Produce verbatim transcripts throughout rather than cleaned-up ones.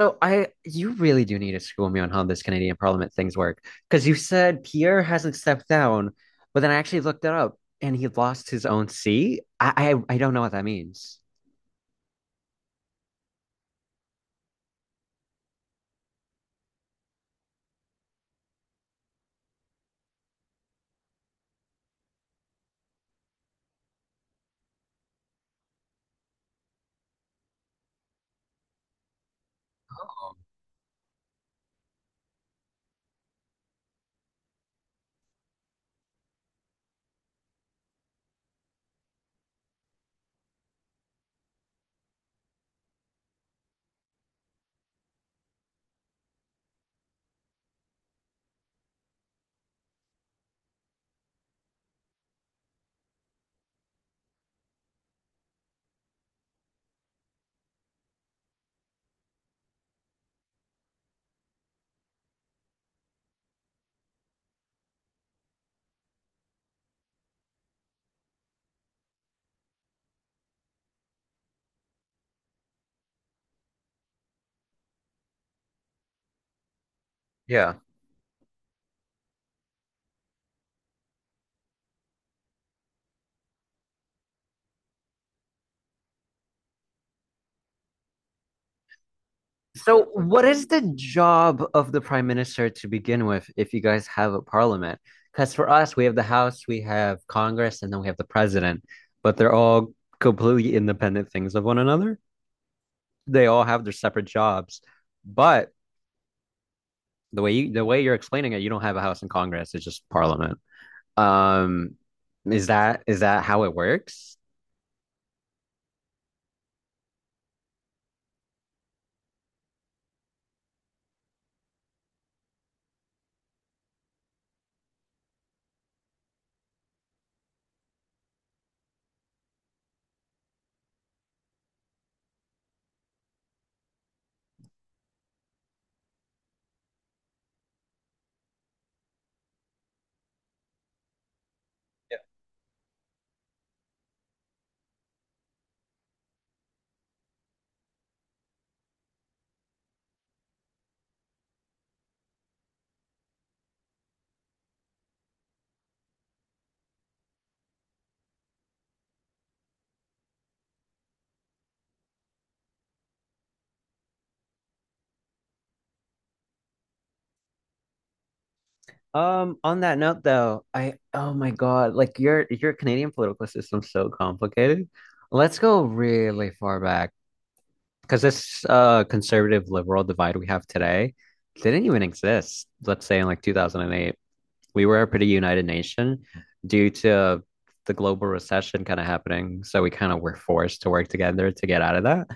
So I, you really do need to school me on how this Canadian Parliament things work, because you said Pierre hasn't stepped down, but then I actually looked it up and he lost his own seat. I, I, I don't know what that means. Yeah. So what is the job of the prime minister to begin with if you guys have a parliament? Because for us, we have the House, we have Congress, and then we have the president, but they're all completely independent things of one another. They all have their separate jobs, but The way you, the way you're explaining it, you don't have a house in Congress. It's just Parliament. Um, is that is that how it works? Um, on that note though, I oh my God, like your your Canadian political system's so complicated. Let's go really far back because this uh conservative liberal divide we have today didn't even exist, let's say in like two thousand eight. We were a pretty united nation due to the global recession kind of happening. So we kind of were forced to work together to get out of that.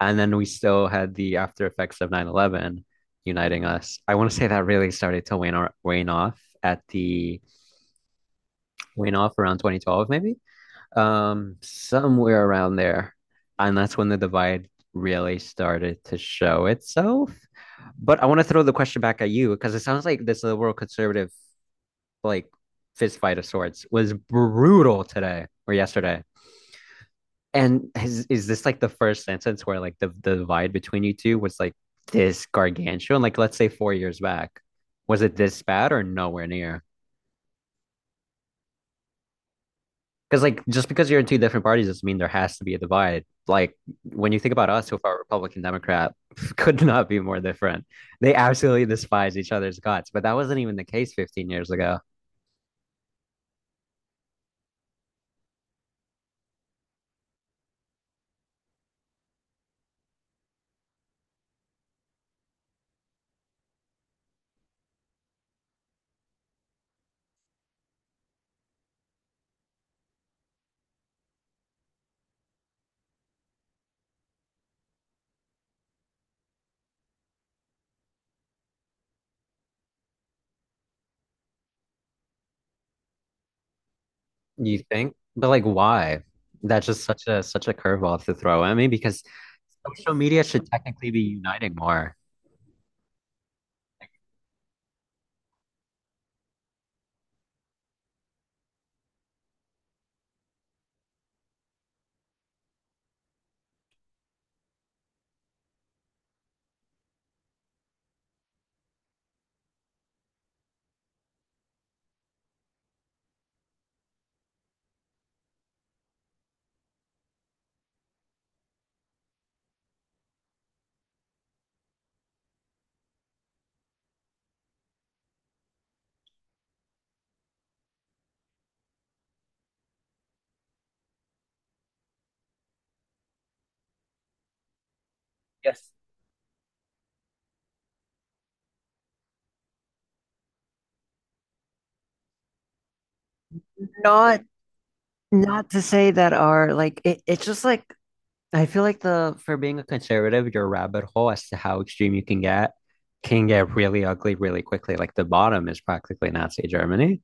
And then we still had the after effects of nine eleven uniting us. I want to say that really started to wane, or, wane off at the wane off around twenty twelve, maybe um, somewhere around there. And that's when the divide really started to show itself. But I want to throw the question back at you because it sounds like this liberal conservative, like, fist fight of sorts was brutal today or yesterday. And is is this like the first sentence where like the, the divide between you two was like this gargantuan? Like let's say four years back, was it this bad or nowhere near? Because like just because you're in two different parties doesn't mean there has to be a divide. Like when you think about us so far, Republican Democrat could not be more different. They absolutely despise each other's guts, but that wasn't even the case fifteen years ago. You think? But like why? That's just such a such a curveball to throw at me because social media should technically be uniting more. Yes. Not not to say that our like it, it's just like I feel like the for being a conservative, your rabbit hole as to how extreme you can get can get really ugly really quickly. Like the bottom is practically Nazi Germany.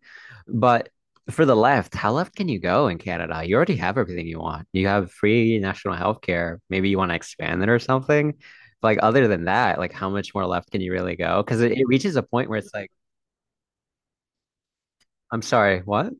But for the left, how left can you go in Canada? You already have everything you want. You have free national health care. Maybe you want to expand it or something. Like other than that, like how much more left can you really go? Because it, it reaches a point where it's like, I'm sorry, what?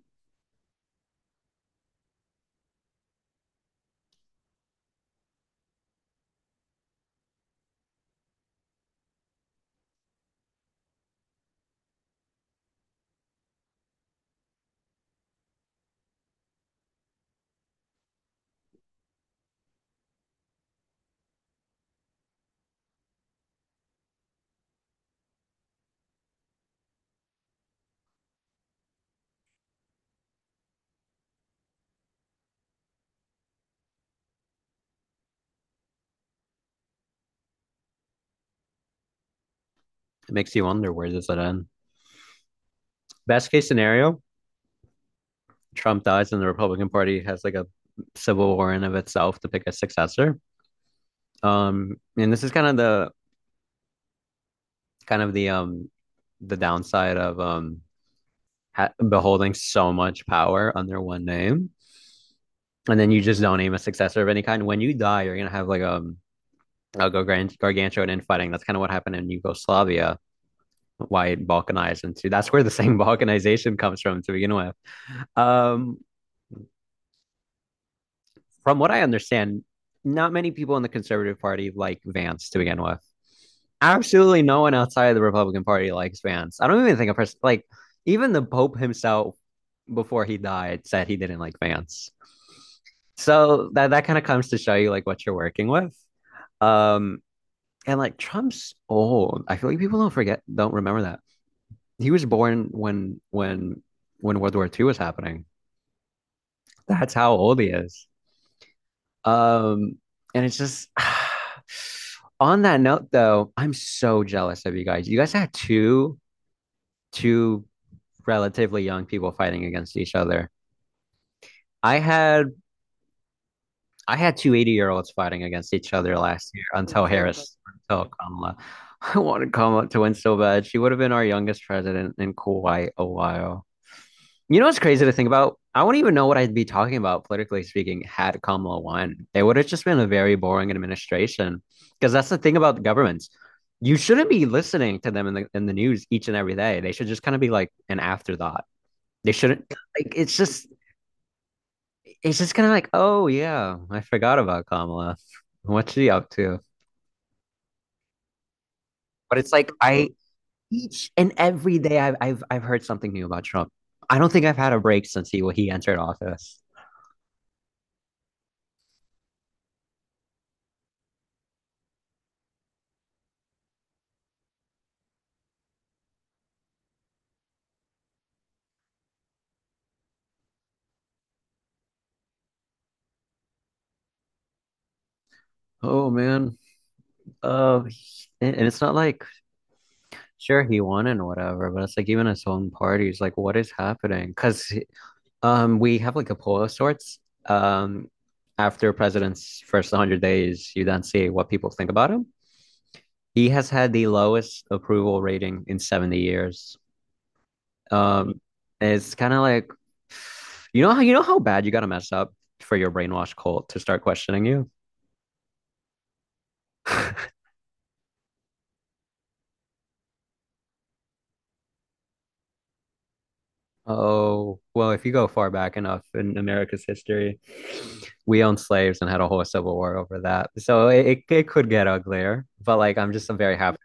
It makes you wonder, where does it end? Best case scenario, Trump dies and the Republican Party has like a civil war in of itself to pick a successor. Um, and this is kind of the kind of the um the downside of um ha- beholding so much power under one name, and then you just don't name a successor of any kind. When you die, you're gonna have like um a gargant- gargantuan infighting. That's kind of what happened in Yugoslavia. Why it balkanized into that's where the same balkanization comes from to begin with. Um, from what I understand, not many people in the Conservative Party like Vance to begin with. Absolutely no one outside of the Republican Party likes Vance. I don't even think a person like even the Pope himself before he died said he didn't like Vance. So that that kind of comes to show you like what you're working with. Um and like Trump's old. I feel like people don't forget don't remember that. He was born when when when World War Two was happening. That's how old he is. Um and it's just on that note though, I'm so jealous of you guys. You guys had two two relatively young people fighting against each other. I had I had two eighty year olds fighting against each other last year until Harris until Kamala. I wanted Kamala to win so bad. She would have been our youngest president in quite a while. You know what's crazy to think about? I wouldn't even know what I'd be talking about politically speaking had Kamala won. It would have just been a very boring administration because that's the thing about the governments. You shouldn't be listening to them in the in the news each and every day. They should just kind of be like an afterthought. They shouldn't, like, it's just it's just kind of like, oh yeah, I forgot about Kamala. What's she up to? But it's like I each and every day I've I've I've heard something new about Trump. I don't think I've had a break since he he entered office. Oh man. Uh he- and and it's not like, sure, he won and whatever, but it's like even his own parties, like what is happening? Because um, we have like a poll of sorts. Um, after a president's first one hundred days, you then see what people think about him. He has had the lowest approval rating in seventy years. Um, it's kind of like you know how you know how bad you got to mess up for your brainwash cult to start questioning you. Oh, well, if you go far back enough in America's history, we owned slaves and had a whole civil war over that. So it, it, it could get uglier, but like I'm just I'm very happy.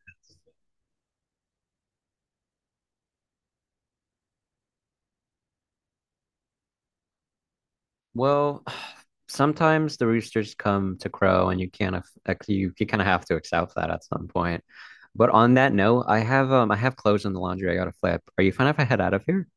Well, sometimes the roosters come to crow and you can't af- ex- you, you kind of have to accept that at some point. But on that note, I have um I have clothes in the laundry I gotta flip. Are you fine if I head out of here?